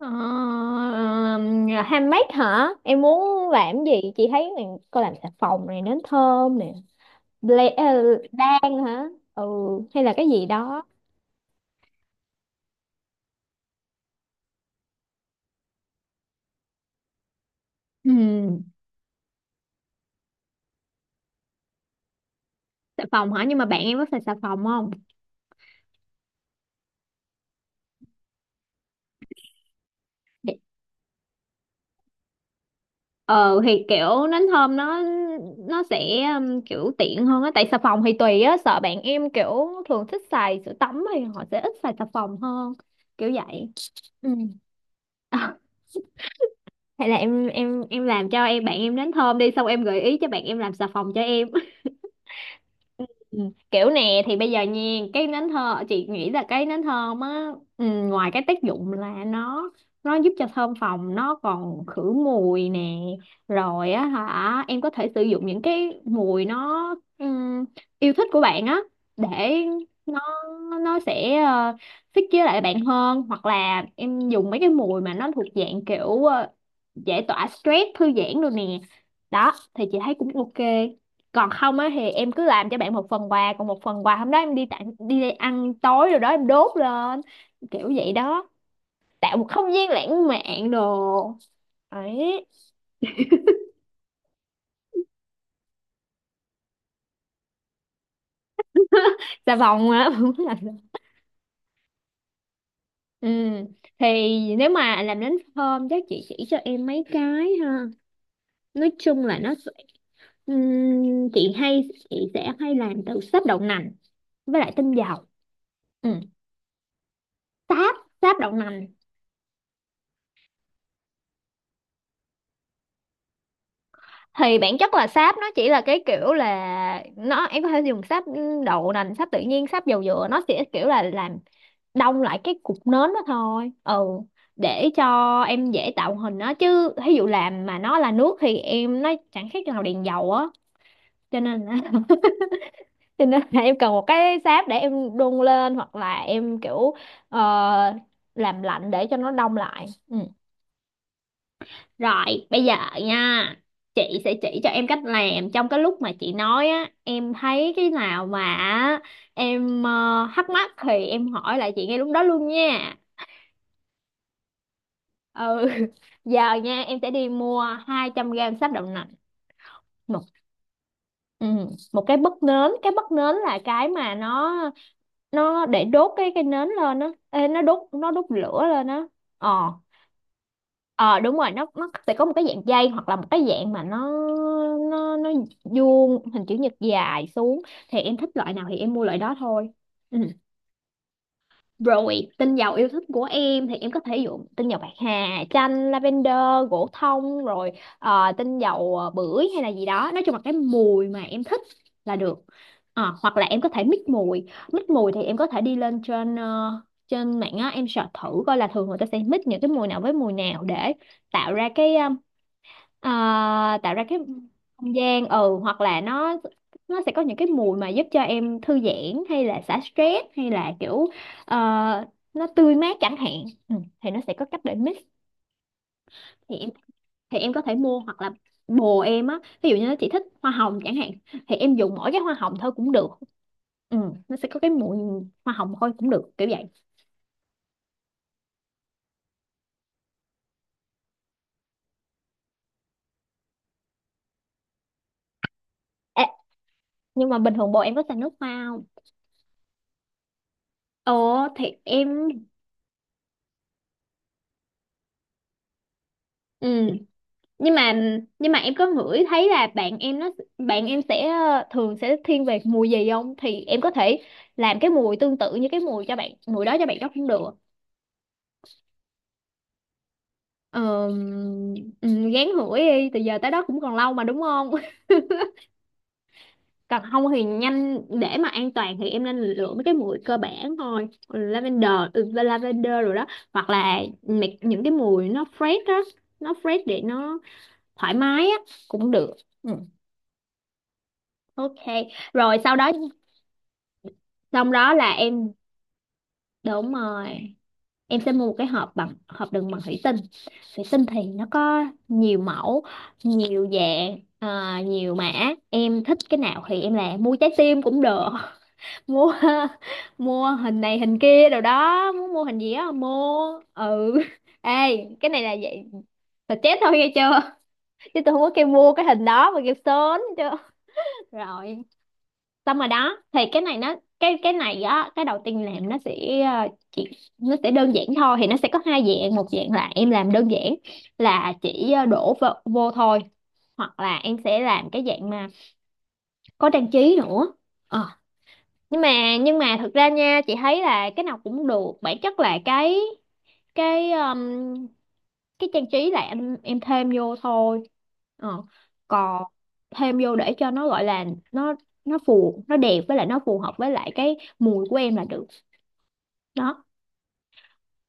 Ờ, handmade hả? Em muốn làm gì? Chị thấy này, cô làm xà phòng này, nến thơm nè, ble, ờ, đan hả? Ừ, hay là cái gì đó. Ừ, xà phòng hả? Nhưng mà bạn em có xài xà phòng không? Để- Ờ thì kiểu nến thơm nó sẽ kiểu tiện hơn á, tại xà phòng thì tùy á, sợ bạn em kiểu thường thích xài sữa tắm thì họ sẽ ít xài xà phòng hơn, kiểu vậy. Ừ. Hay là em làm cho em bạn em đến thơm đi, xong em gợi ý cho bạn em làm xà phòng cho em. Ừ, kiểu nè thì bây giờ nha, cái nến thơm chị nghĩ là cái nến thơm á, ừ, ngoài cái tác dụng là nó giúp cho thơm phòng, nó còn khử mùi nè, rồi á hả, em có thể sử dụng những cái mùi nó ừm, yêu thích của bạn á, để nó nó sẽ fit với lại bạn hơn, hoặc là em dùng mấy cái mùi mà nó thuộc dạng kiểu giải tỏa stress, thư giãn rồi nè, đó thì chị thấy cũng ok. Còn không á thì em cứ làm cho bạn một phần quà, còn một phần quà hôm đó em đi tặng đi ăn tối rồi đó em đốt lên, kiểu vậy đó, tạo một không gian lãng mạn đồ ấy. Xà phòng á. Ừ, thì nếu mà làm đến hôm chắc chị chỉ cho em mấy cái ha, nói chung là nó sẽ- chị hay chị sẽ hay làm từ sáp đậu nành với lại tinh dầu. Ừ. Sáp, sáp đậu nành thì bản chất là sáp, nó chỉ là cái kiểu là nó, em có thể dùng sáp đậu nành, sáp tự nhiên, sáp dầu dừa, nó sẽ kiểu là làm đông lại cái cục nến đó thôi. Ừ, để cho em dễ tạo hình nó, chứ ví dụ làm mà nó là nước thì em nó chẳng khác nào đèn dầu á, cho nên là cho nên là em cần một cái sáp để em đun lên, hoặc là em kiểu ờ, làm lạnh để cho nó đông lại. Ừ. Rồi, bây giờ nha, chị sẽ chỉ cho em cách làm, trong cái lúc mà chị nói á, em thấy cái nào mà á, em thắc mắc thì em hỏi lại chị ngay lúc đó luôn nha. Ừ, giờ nha, em sẽ đi mua 200 gram sáp đậu nành, một ừ, một cái bất nến là cái mà nó để đốt cái nến lên á, Ê, nó đốt lửa lên á. Ờ. Ờ đúng rồi, nó sẽ có một cái dạng dây, hoặc là một cái dạng mà nó vuông, hình chữ nhật dài xuống, thì em thích loại nào thì em mua loại đó thôi. Ừ. Rồi, tinh dầu yêu thích của em thì em có thể dùng tinh dầu bạc hà, chanh, lavender, gỗ thông, rồi tinh dầu bưởi hay là gì đó. Nói chung là cái mùi mà em thích là được. Ờ, hoặc là em có thể mix mùi. Mix mùi thì em có thể đi lên trên trên mạng á, em search thử coi là thường người ta sẽ mix những cái mùi nào với mùi nào để tạo ra cái Ờ, tạo ra cái không gian, ừ, hoặc là nó sẽ có những cái mùi mà giúp cho em thư giãn, hay là xả stress, hay là kiểu ờ, nó tươi mát chẳng hạn, ừ, thì nó sẽ có cách để mix. Thì em, thì em có thể mua, hoặc là bồ em á, ví dụ như nó chỉ thích hoa hồng chẳng hạn, thì em dùng mỗi cái hoa hồng thôi cũng được, ừ, nó sẽ có cái mùi hoa hồng thôi cũng được, kiểu vậy. Ê, nhưng mà bình thường bồ em có xài nước hoa không? Ồ thì em, Ừ, nhưng mà nhưng mà em có ngửi thấy là bạn em nó, bạn em sẽ thường sẽ thiên về mùi gì không, thì em có thể làm cái mùi tương tự như cái mùi cho bạn, mùi đó cho bạn đó cũng được. Ờ, ừ, gán hủi đi, từ giờ tới đó cũng còn lâu mà đúng không? Còn không thì nhanh, để mà an toàn thì em nên lựa mấy cái mùi cơ bản thôi, lavender ừ, lavender rồi đó, hoặc là mấy- những cái mùi nó fresh đó, nó fresh để nó thoải mái á cũng được. Ừ. Ok, rồi sau đó, xong đó là em, đúng rồi, em sẽ mua một cái hộp bằng, hộp đựng bằng thủy tinh, thủy tinh thì nó có nhiều mẫu, nhiều dạng à, nhiều mã, em thích cái nào thì em làm, mua trái tim cũng được, mua, mua hình này hình kia đồ đó, muốn mua hình gì á mua. Ừ. Ê, cái này là vậy là chết thôi nghe chưa, chứ tôi không có kêu mua cái hình đó mà kêu sớm chưa. Rồi, xong rồi đó, thì cái này nó, cái này á, cái đầu tiên làm nó sẽ chỉ, nó sẽ đơn giản thôi, thì nó sẽ có hai dạng, một dạng là em làm đơn giản là chỉ đổ vô, vô thôi, hoặc là em sẽ làm cái dạng mà có trang trí nữa. Ờ. Nhưng mà, thực ra nha, chị thấy là cái nào cũng được, bản chất là cái, cái um, cái trang trí là em thêm vô thôi, ờ. Còn thêm vô để cho nó gọi là nó nó phù, nó đẹp với lại nó phù hợp với lại cái mùi của em là được đó.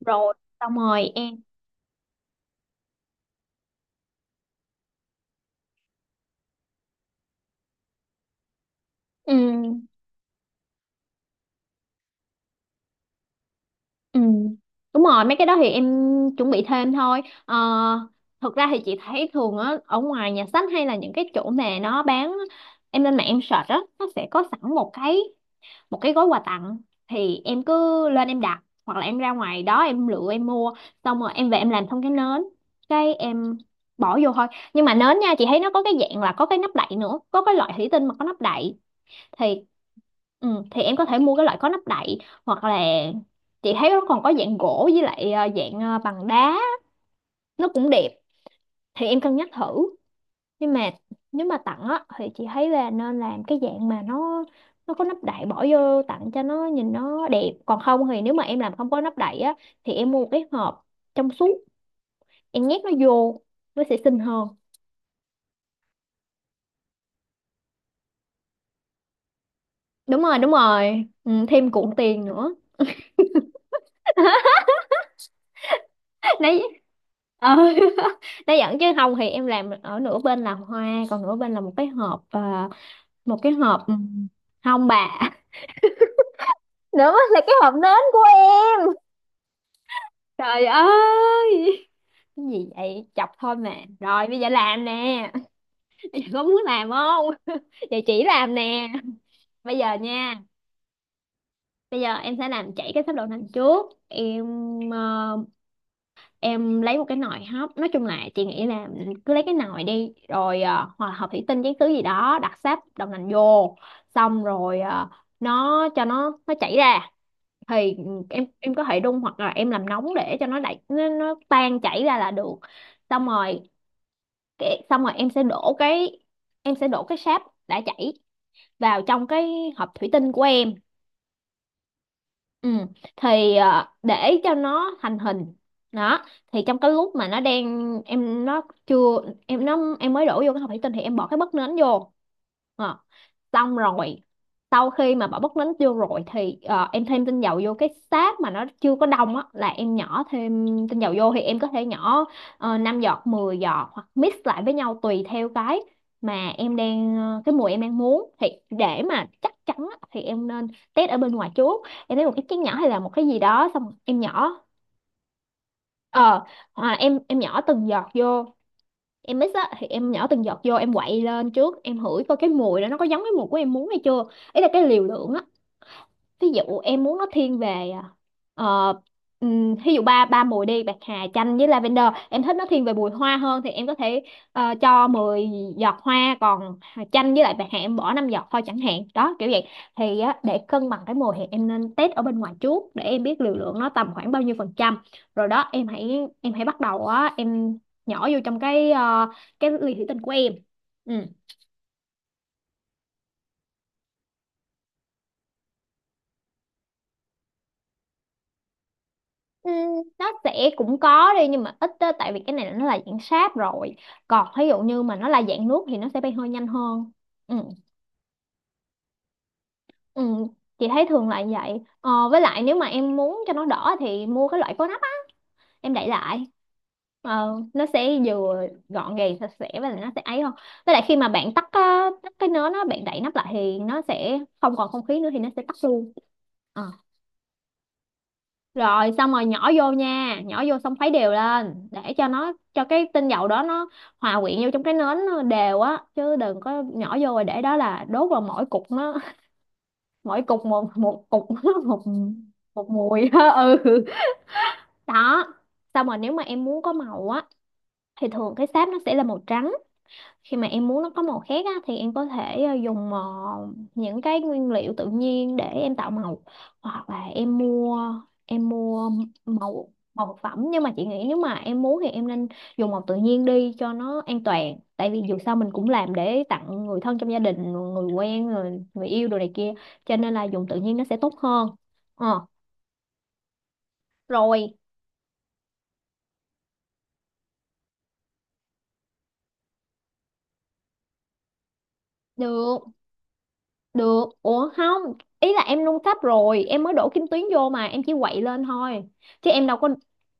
Rồi, xong rồi em, ừ, ừ, đúng rồi, mấy cái đó thì em chuẩn bị thêm thôi, ờ, thực ra thì chị thấy thường á, ở ngoài nhà sách hay là những cái chỗ mà nó bán, em lên mạng em search á, nó sẽ có sẵn một cái, một cái gói quà tặng, thì em cứ lên em đặt hoặc là em ra ngoài đó em lựa em mua, xong rồi em về em làm xong cái nến cái em bỏ vô thôi. Nhưng mà nến nha, chị thấy nó có cái dạng là có cái nắp đậy nữa, có cái loại thủy tinh mà có nắp đậy thì ừ, thì em có thể mua cái loại có nắp đậy, hoặc là chị thấy nó còn có dạng gỗ với lại dạng bằng đá, nó cũng đẹp, thì em cân nhắc thử. Nhưng mà nếu mà tặng á thì chị thấy là nên làm cái dạng mà nó có nắp đậy bỏ vô tặng cho nó nhìn nó đẹp, còn không thì nếu mà em làm không có nắp đậy á thì em mua một cái hộp trong suốt em nhét nó vô, nó sẽ xinh hơn. Đúng rồi, đúng rồi, ừ, thêm cuộn tiền nữa. Đấy, ờ. Đấy dẫn, chứ không thì em làm ở nửa bên là hoa, còn nửa bên là một cái hộp à, một cái hộp ừ, hông bà. Nữa là cái hộp nến của em. Trời ơi, cái gì vậy, chọc thôi mà. Rồi bây giờ làm nè. Bây có muốn làm không? Vậy chỉ làm nè, bây giờ nha, bây giờ em sẽ làm chảy cái sáp đậu nành trước, em ờ, em lấy một cái nồi hấp, nói chung là chị nghĩ là cứ lấy cái nồi đi, rồi hoặc là hộp thủy tinh, chén thứ gì đó, đặt sáp đậu nành vô, xong rồi nó cho nó chảy ra, thì em có thể đun hoặc là em làm nóng để cho nó đẩy nó tan chảy ra là được. Xong rồi cái, xong rồi em sẽ đổ cái, em sẽ đổ cái sáp đã chảy vào trong cái hộp thủy tinh của em. Ừ. Thì để cho nó thành hình. Đó thì trong cái lúc mà nó đang em nó chưa em nó em mới đổ vô cái hộp thủy tinh thì em bỏ cái bất nến vô. Ờ, Xong rồi, sau khi mà bỏ bớt đánh vô rồi thì em thêm tinh dầu vô cái sáp mà nó chưa có đông á, là em nhỏ thêm tinh dầu vô thì em có thể nhỏ 5 giọt, 10 giọt hoặc mix lại với nhau tùy theo cái mà em đang cái mùi em đang muốn. Thì để mà chắc chắn á, thì em nên test ở bên ngoài trước. Em lấy một cái chén nhỏ hay là một cái gì đó xong em nhỏ. Ờ à, em em nhỏ từng giọt vô, em mix á thì em nhỏ từng giọt vô, em quậy lên trước, em hửi coi cái mùi đó nó có giống cái mùi của em muốn hay chưa. Ý là cái liều lượng á. Ví dụ em muốn nó thiên về ờ, ví dụ ba ba mùi đi, bạc hà, chanh với lavender. Em thích nó thiên về mùi hoa hơn thì em có thể cho 10 giọt hoa, còn chanh với lại bạc hà em bỏ 5 giọt thôi chẳng hạn, đó kiểu vậy. Thì á, để cân bằng cái mùi thì em nên test ở bên ngoài trước để em biết liều lượng nó tầm khoảng bao nhiêu phần trăm. Rồi đó em hãy bắt đầu á, em nhỏ vô trong cái cái ly thủy tinh của em. Ừ. Ừ, nó sẽ cũng có đi nhưng mà ít á, tại vì cái này là nó là dạng sáp rồi, còn ví dụ như mà nó là dạng nước thì nó sẽ bay hơi nhanh hơn. Ừ. Ừ. Chị thấy thường là vậy. Ờ, với lại nếu mà em muốn cho nó đỏ thì mua cái loại có nắp á, em đậy lại. Nó sẽ vừa gọn gàng sạch sẽ và nó sẽ ấy hơn. Với lại khi mà bạn tắt á, tắt cái nến á, bạn đậy nắp lại thì nó sẽ không còn không khí nữa thì nó sẽ tắt luôn. Ờ. Rồi xong rồi nhỏ vô nha, nhỏ vô xong khuấy đều lên để cho nó, cho cái tinh dầu đó nó hòa quyện vô trong cái nến nó đều á, chứ đừng có nhỏ vô rồi để đó là đốt vào mỗi cục nó mỗi cục, một một cục nó một một mùi ừ. Đó, xong rồi nếu mà em muốn có màu á, thì thường cái sáp nó sẽ là màu trắng. Khi mà em muốn nó có màu khác á, thì em có thể dùng những cái nguyên liệu tự nhiên để em tạo màu, hoặc là em mua màu màu thực phẩm. Nhưng mà chị nghĩ nếu mà em muốn thì em nên dùng màu tự nhiên đi cho nó an toàn, tại vì dù sao mình cũng làm để tặng người thân trong gia đình, người quen, người yêu đồ này kia, cho nên là dùng tự nhiên nó sẽ tốt hơn. ờ Rồi được. Được, ủa không, ý là em nung sắp rồi, em mới đổ kim tuyến vô mà, em chỉ quậy lên thôi. Chứ em đâu có,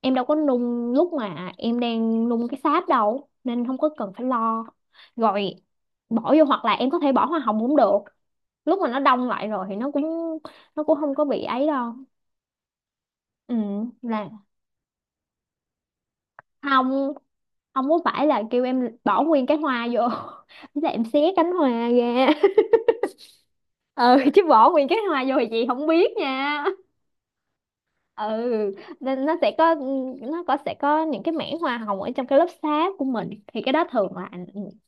em đâu có nung lúc mà em đang nung cái sáp đâu, nên không có cần phải lo. Rồi bỏ vô, hoặc là em có thể bỏ hoa hồng cũng được. Lúc mà nó đông lại rồi thì nó cũng, nó cũng không có bị ấy đâu. Ừ, là không không có phải là kêu em bỏ nguyên cái hoa vô. Thế là em xé cánh hoa ra. Ừ, chứ bỏ nguyên cái hoa vô thì chị không biết nha. Ừ, nên nó sẽ có, nó sẽ có những cái mảng hoa hồng ở trong cái lớp sáp của mình, thì cái đó thường là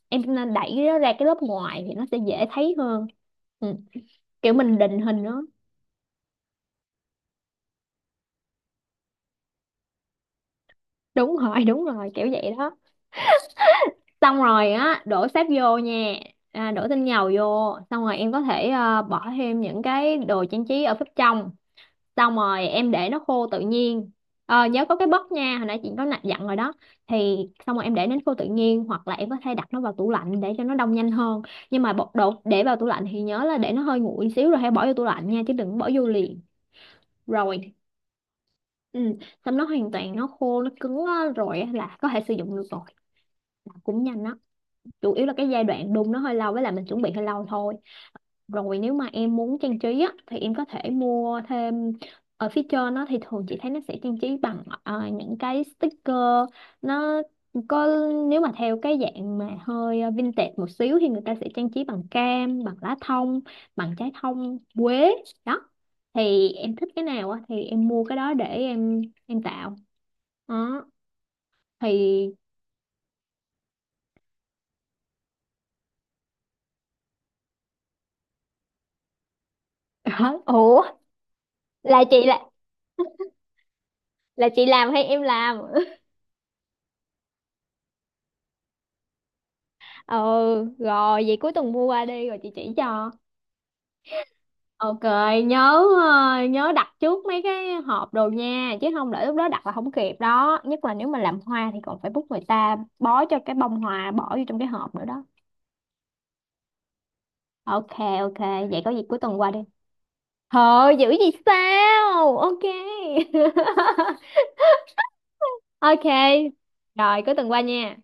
em nên đẩy nó ra cái lớp ngoài thì nó sẽ dễ thấy hơn. Ừ. Kiểu mình định hình nó. Đúng rồi đúng rồi kiểu vậy đó. Xong rồi á, đổ sáp vô nha, à, đổ tinh dầu vô xong rồi em có thể bỏ thêm những cái đồ trang trí ở phía trong, xong rồi em để nó khô tự nhiên. Nhớ có cái bất nha, hồi nãy chị có dặn rồi đó. Thì xong rồi em để nó khô tự nhiên, hoặc là em có thể đặt nó vào tủ lạnh để cho nó đông nhanh hơn. Nhưng mà bột đồ để vào tủ lạnh thì nhớ là để nó hơi nguội xíu rồi hãy bỏ vô tủ lạnh nha, chứ đừng bỏ vô liền. Rồi. Ừ. Xong nó hoàn toàn nó khô nó cứng á, rồi á là có thể sử dụng được rồi. Làm cũng nhanh đó, chủ yếu là cái giai đoạn đun nó hơi lâu với là mình chuẩn bị hơi lâu thôi. Rồi nếu mà em muốn trang trí á, thì em có thể mua thêm ở phía trên nó. Thì thường chị thấy nó sẽ trang trí bằng những cái sticker. Nó có, nếu mà theo cái dạng mà hơi vintage một xíu thì người ta sẽ trang trí bằng cam, bằng lá thông, bằng trái thông, quế đó. Thì em thích cái nào á thì em mua cái đó để em tạo. Đó thì ủa ờ rồi, vậy cuối tuần mua qua đi rồi chị chỉ cho. Ok, nhớ, nhớ đặt trước mấy cái hộp đồ nha, chứ không để lúc đó đặt là không kịp đó. Nhất là nếu mà làm hoa thì còn phải bút người ta bó cho cái bông hoa bỏ vô trong cái hộp nữa đó. Ok, ok, vậy có gì cuối tuần qua đi. Thôi, dữ gì sao? Ok. Ok. Rồi, cuối tuần qua nha.